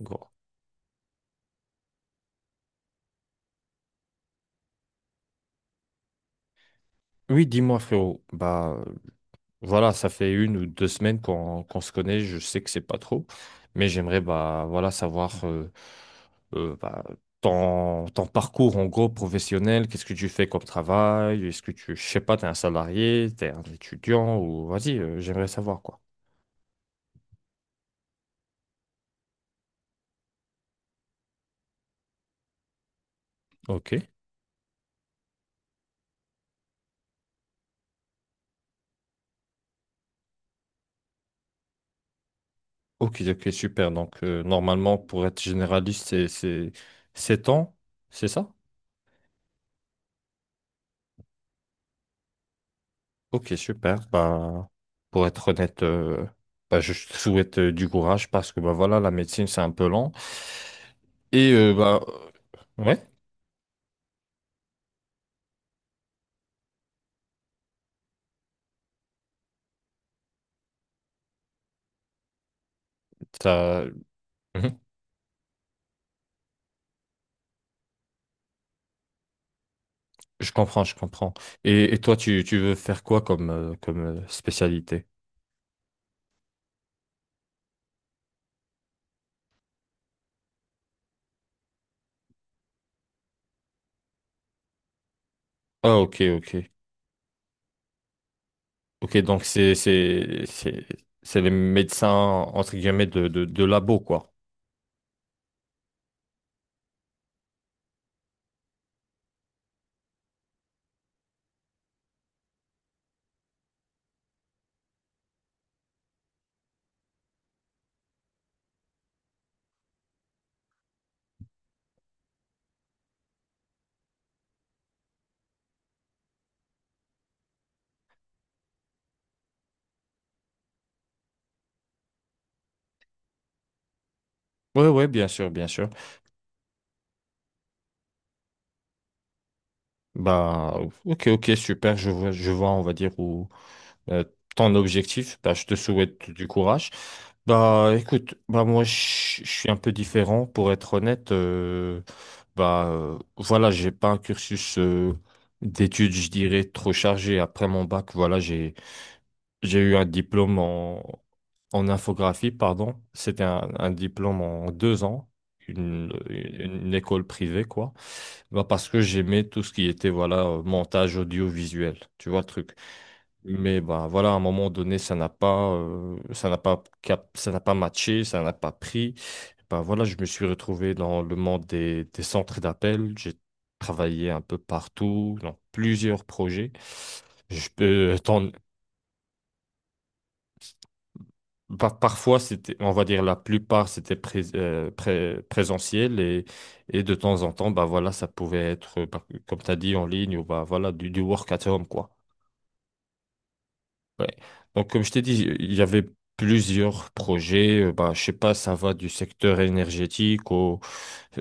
Gros. Oui, dis-moi, frérot. Bah, voilà, ça fait une ou deux semaines qu'on se connaît. Je sais que c'est pas trop, mais j'aimerais bah voilà savoir bah, ton parcours en gros professionnel. Qu'est-ce que tu fais comme travail? Est-ce que tu, je sais pas, t'es un salarié, t'es un étudiant ou vas-y, j'aimerais savoir quoi. Ok. Ok, ok, super. Donc normalement, pour être généraliste, c'est 7 ans, c'est ça? Ok, super. Bah, pour être honnête, bah, je te souhaite du courage parce que bah, voilà, la médecine, c'est un peu lent. Et bah, ouais, ça, Mhm. Je comprends, je comprends. Et toi, tu veux faire quoi comme spécialité? Ah, ok, ok. Ok, donc c'est les médecins, entre guillemets, de labo, quoi. Ouais, ouais, bien sûr, bien sûr. Bah, ok, ok, super. Je vois, on va dire, où. euh, Ton objectif. Bah, je te souhaite du courage. Bah, écoute, bah, moi, je suis un peu différent, pour être honnête. Bah, voilà, j'ai pas un cursus d'études, je dirais, trop chargé. Après mon bac, voilà, j'ai eu un diplôme en infographie, pardon. C'était un diplôme en 2 ans. Une école privée, quoi. Bah, parce que j'aimais tout ce qui était, voilà, montage audiovisuel. Tu vois le truc. Mais ben, voilà, à un moment donné, ça n'a pas matché, ça n'a pas pris. Ben, voilà, je me suis retrouvé dans le monde des centres d'appel. J'ai travaillé un peu partout, dans plusieurs projets. Je peux, t'en- par- Parfois, c'était, on va dire la plupart, c'était présentiel et de temps en temps, bah voilà, ça pouvait être, comme tu as dit, en ligne ou bah voilà, du work at home, quoi. Ouais. Donc, comme je t'ai dit, il y avait plusieurs projets. Bah, je sais pas, ça va du secteur énergétique au,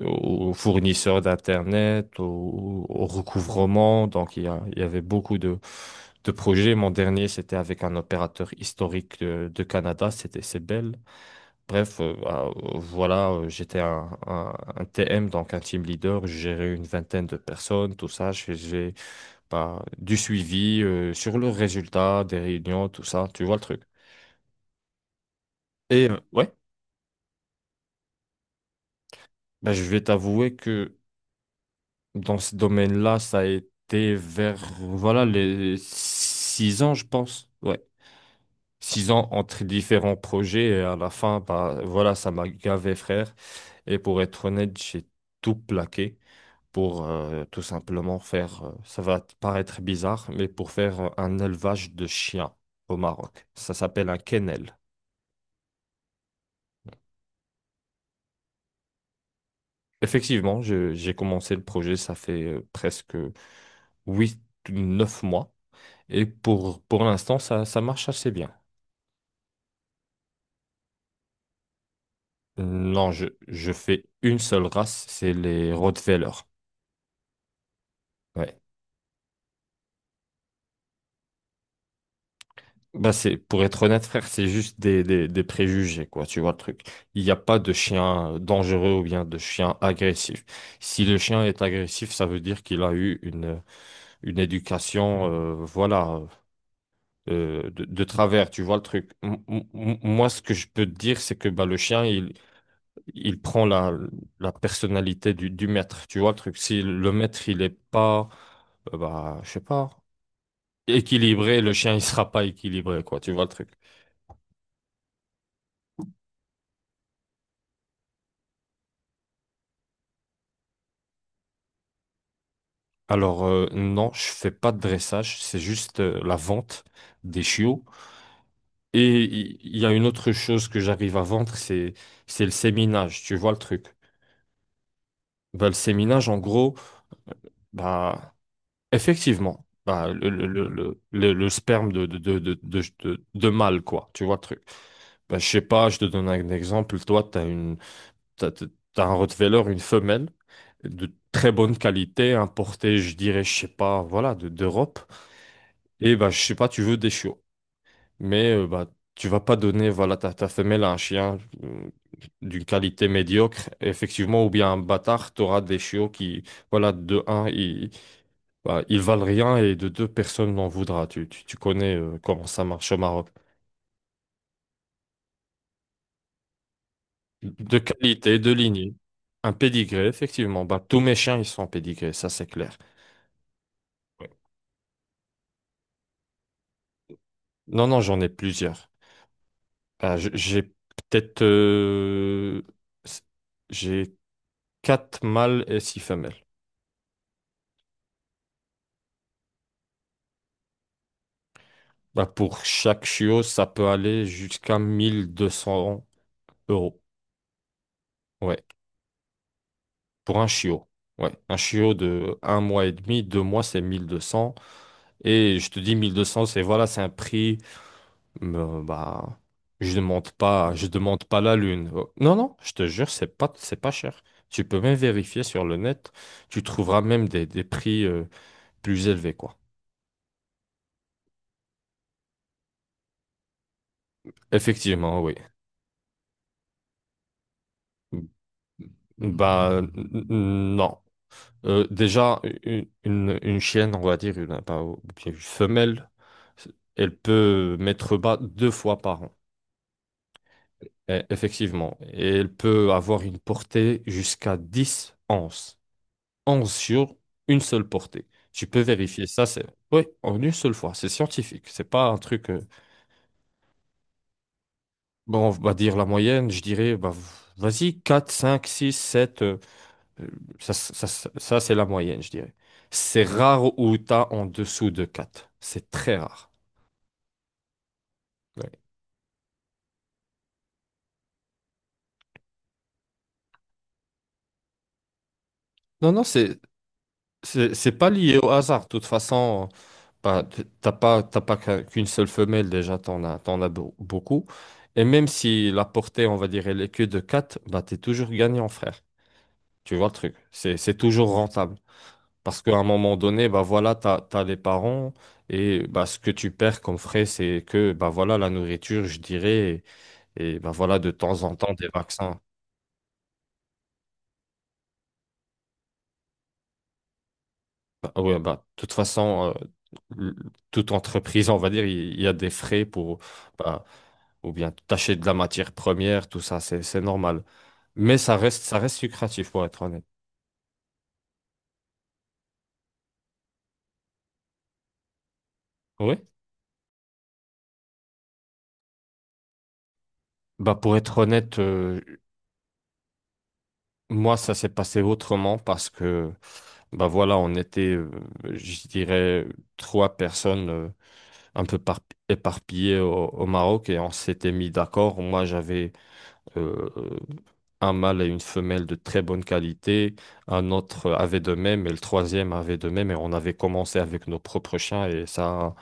au fournisseur d'Internet, au recouvrement. Donc, il y avait beaucoup de projets. Mon dernier, c'était avec un opérateur historique de Canada, c'était Sebel. Bref, j'étais un TM, donc un team leader. Je gérais une vingtaine de personnes, tout ça. J'ai bah, du suivi sur le résultat des réunions, tout ça, tu vois le truc. Et ouais, bah, je vais t'avouer que dans ce domaine-là, ça a été vers, voilà, les 6 ans, je pense. Ouais, six ans entre différents projets et à la fin, bah, voilà, ça m'a gavé, frère. Et pour être honnête, j'ai tout plaqué pour tout simplement faire, ça va te paraître bizarre, mais pour faire un élevage de chiens au Maroc. Ça s'appelle un kennel. Effectivement, j'ai commencé le projet, ça fait presque 8, 9 mois. Et pour l'instant, ça marche assez bien. Non, je fais une seule race, c'est les Rottweiler. Ouais. Bah c'est, pour être honnête, frère, c'est juste des préjugés, quoi, tu vois le truc. Il n'y a pas de chien dangereux ou bien de chien agressif. Si le chien est agressif, ça veut dire qu'il a eu une éducation, voilà, de travers, tu vois le truc. Moi, ce que je peux te dire, c'est que bah, le chien, il prend la personnalité du maître, tu vois le truc. Si le maître, il est pas, bah, je sais pas, équilibré, le chien, il sera pas équilibré, quoi, tu vois le truc. Alors, non, je fais pas de dressage, c'est juste la vente des chiots. Et il y a une autre chose que j'arrive à vendre, c'est le séminage, tu vois le truc. Bah, le séminage, en gros, bah, effectivement, bah, le sperme de mâle, quoi, tu vois le truc. Bah, je sais pas, je te donne un exemple. Toi, tu as une, t'as, t'as- t'as un Rottweiler, une femelle de très bonne qualité, importée, je dirais, je sais pas, voilà, d'Europe. Et bah, je sais pas, tu veux des chiots. Mais bah, tu vas pas donner, voilà, ta femelle à un chien d'une qualité médiocre, effectivement, ou bien un bâtard, tu auras des chiots qui, voilà, de un, ils, bah, ils valent rien et de deux personnes n'en voudra. Tu connais comment ça marche au Maroc. De qualité, de lignée. Un pédigré, effectivement. Bah, tous mes chiens, ils sont pédigrés, ça c'est clair. Ouais. Non, non, j'en ai plusieurs. Ah, s- j'ai quatre mâles et six femelles. Bah, pour chaque chiot, ça peut aller jusqu'à 1 200 euros. Ouais. Pour un chiot. Ouais, un chiot de un mois et demi, deux mois, c'est 1 200. Et je te dis 1 200, c'est voilà, c'est un prix. Bah, je demande pas la lune. Oh, non, non, je te jure, c'est pas cher. Tu peux même vérifier sur le net. Tu trouveras même des prix plus élevés, quoi. Effectivement, oui. Bah, non. Déjà, une chienne, on va dire, une, pas- ou bien une femelle, elle peut mettre bas deux fois par an. Eh, effectivement. Et elle peut avoir une portée jusqu'à 10 onces. 11 sur une seule portée. Tu peux vérifier ça, c'est. Oui, en une seule fois, c'est scientifique. C'est pas un truc. Bon, on va dire la moyenne, je dirais, bah, vas-y, 4 5 6 sept, Euh, ça, c'est la moyenne, je dirais. C'est rare où tu as en dessous de quatre. C'est très rare. Ouais. Non, non, c'est pas lié au hasard. De toute façon, bah, t'as pas qu'une seule femelle, déjà, t'en as beaucoup. Et même si la portée, on va dire, elle est que de quatre, bah, t'es toujours gagnant, frère. Tu vois le truc. C'est toujours rentable. Parce qu'à un moment donné, bah voilà, t'as les parents et bah, ce que tu perds comme frais, c'est que bah voilà, la nourriture, je dirais. Et ben voilà, de temps en temps, des vaccins. Bah, ouais, bah, de toute façon, l- toute entreprise, on va dire, il y a des frais pour, bah, ou bien tâcher de la matière première, tout ça, c'est normal. Mais ça reste lucratif, pour être honnête. Oui. Bah, pour être honnête, moi, ça s'est passé autrement parce que, bah voilà, on était, je dirais, trois personnes un peu éparpillées au Maroc et on s'était mis d'accord. Moi, j'avais euh, un mâle et une femelle de très bonne qualité, un autre avait de même et le troisième avait de même et on avait commencé avec nos propres chiens et ça,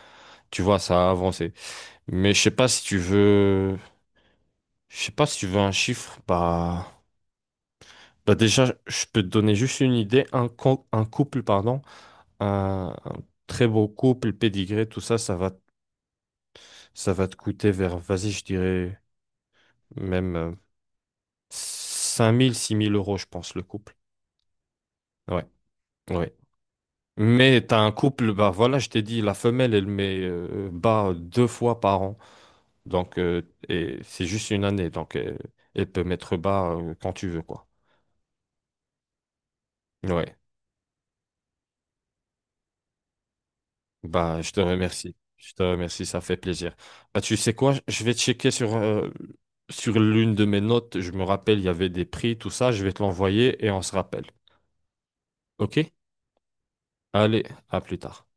tu vois, ça a avancé. Mais je sais pas si tu veux, je sais pas si tu veux un chiffre, bah, bah déjà, je peux te donner juste une idée, un couple, pardon, un très beau couple, pédigré, tout ça, ça va te coûter vers, vas-y, je dirais même 5 000 6 000 euros, je pense, le couple. Ouais. Ouais. Mais t'as un couple, bah voilà, je t'ai dit, la femelle, elle met bas deux fois par an. Donc, et c'est juste une année. Donc, elle peut mettre bas quand tu veux, quoi. Ouais. Bah, je te remercie. Je te remercie, ça fait plaisir. Bah, tu sais quoi, je vais checker sur, sur l'une de mes notes. Je me rappelle, il y avait des prix, tout ça. Je vais te l'envoyer et on se rappelle. OK? Allez, à plus tard.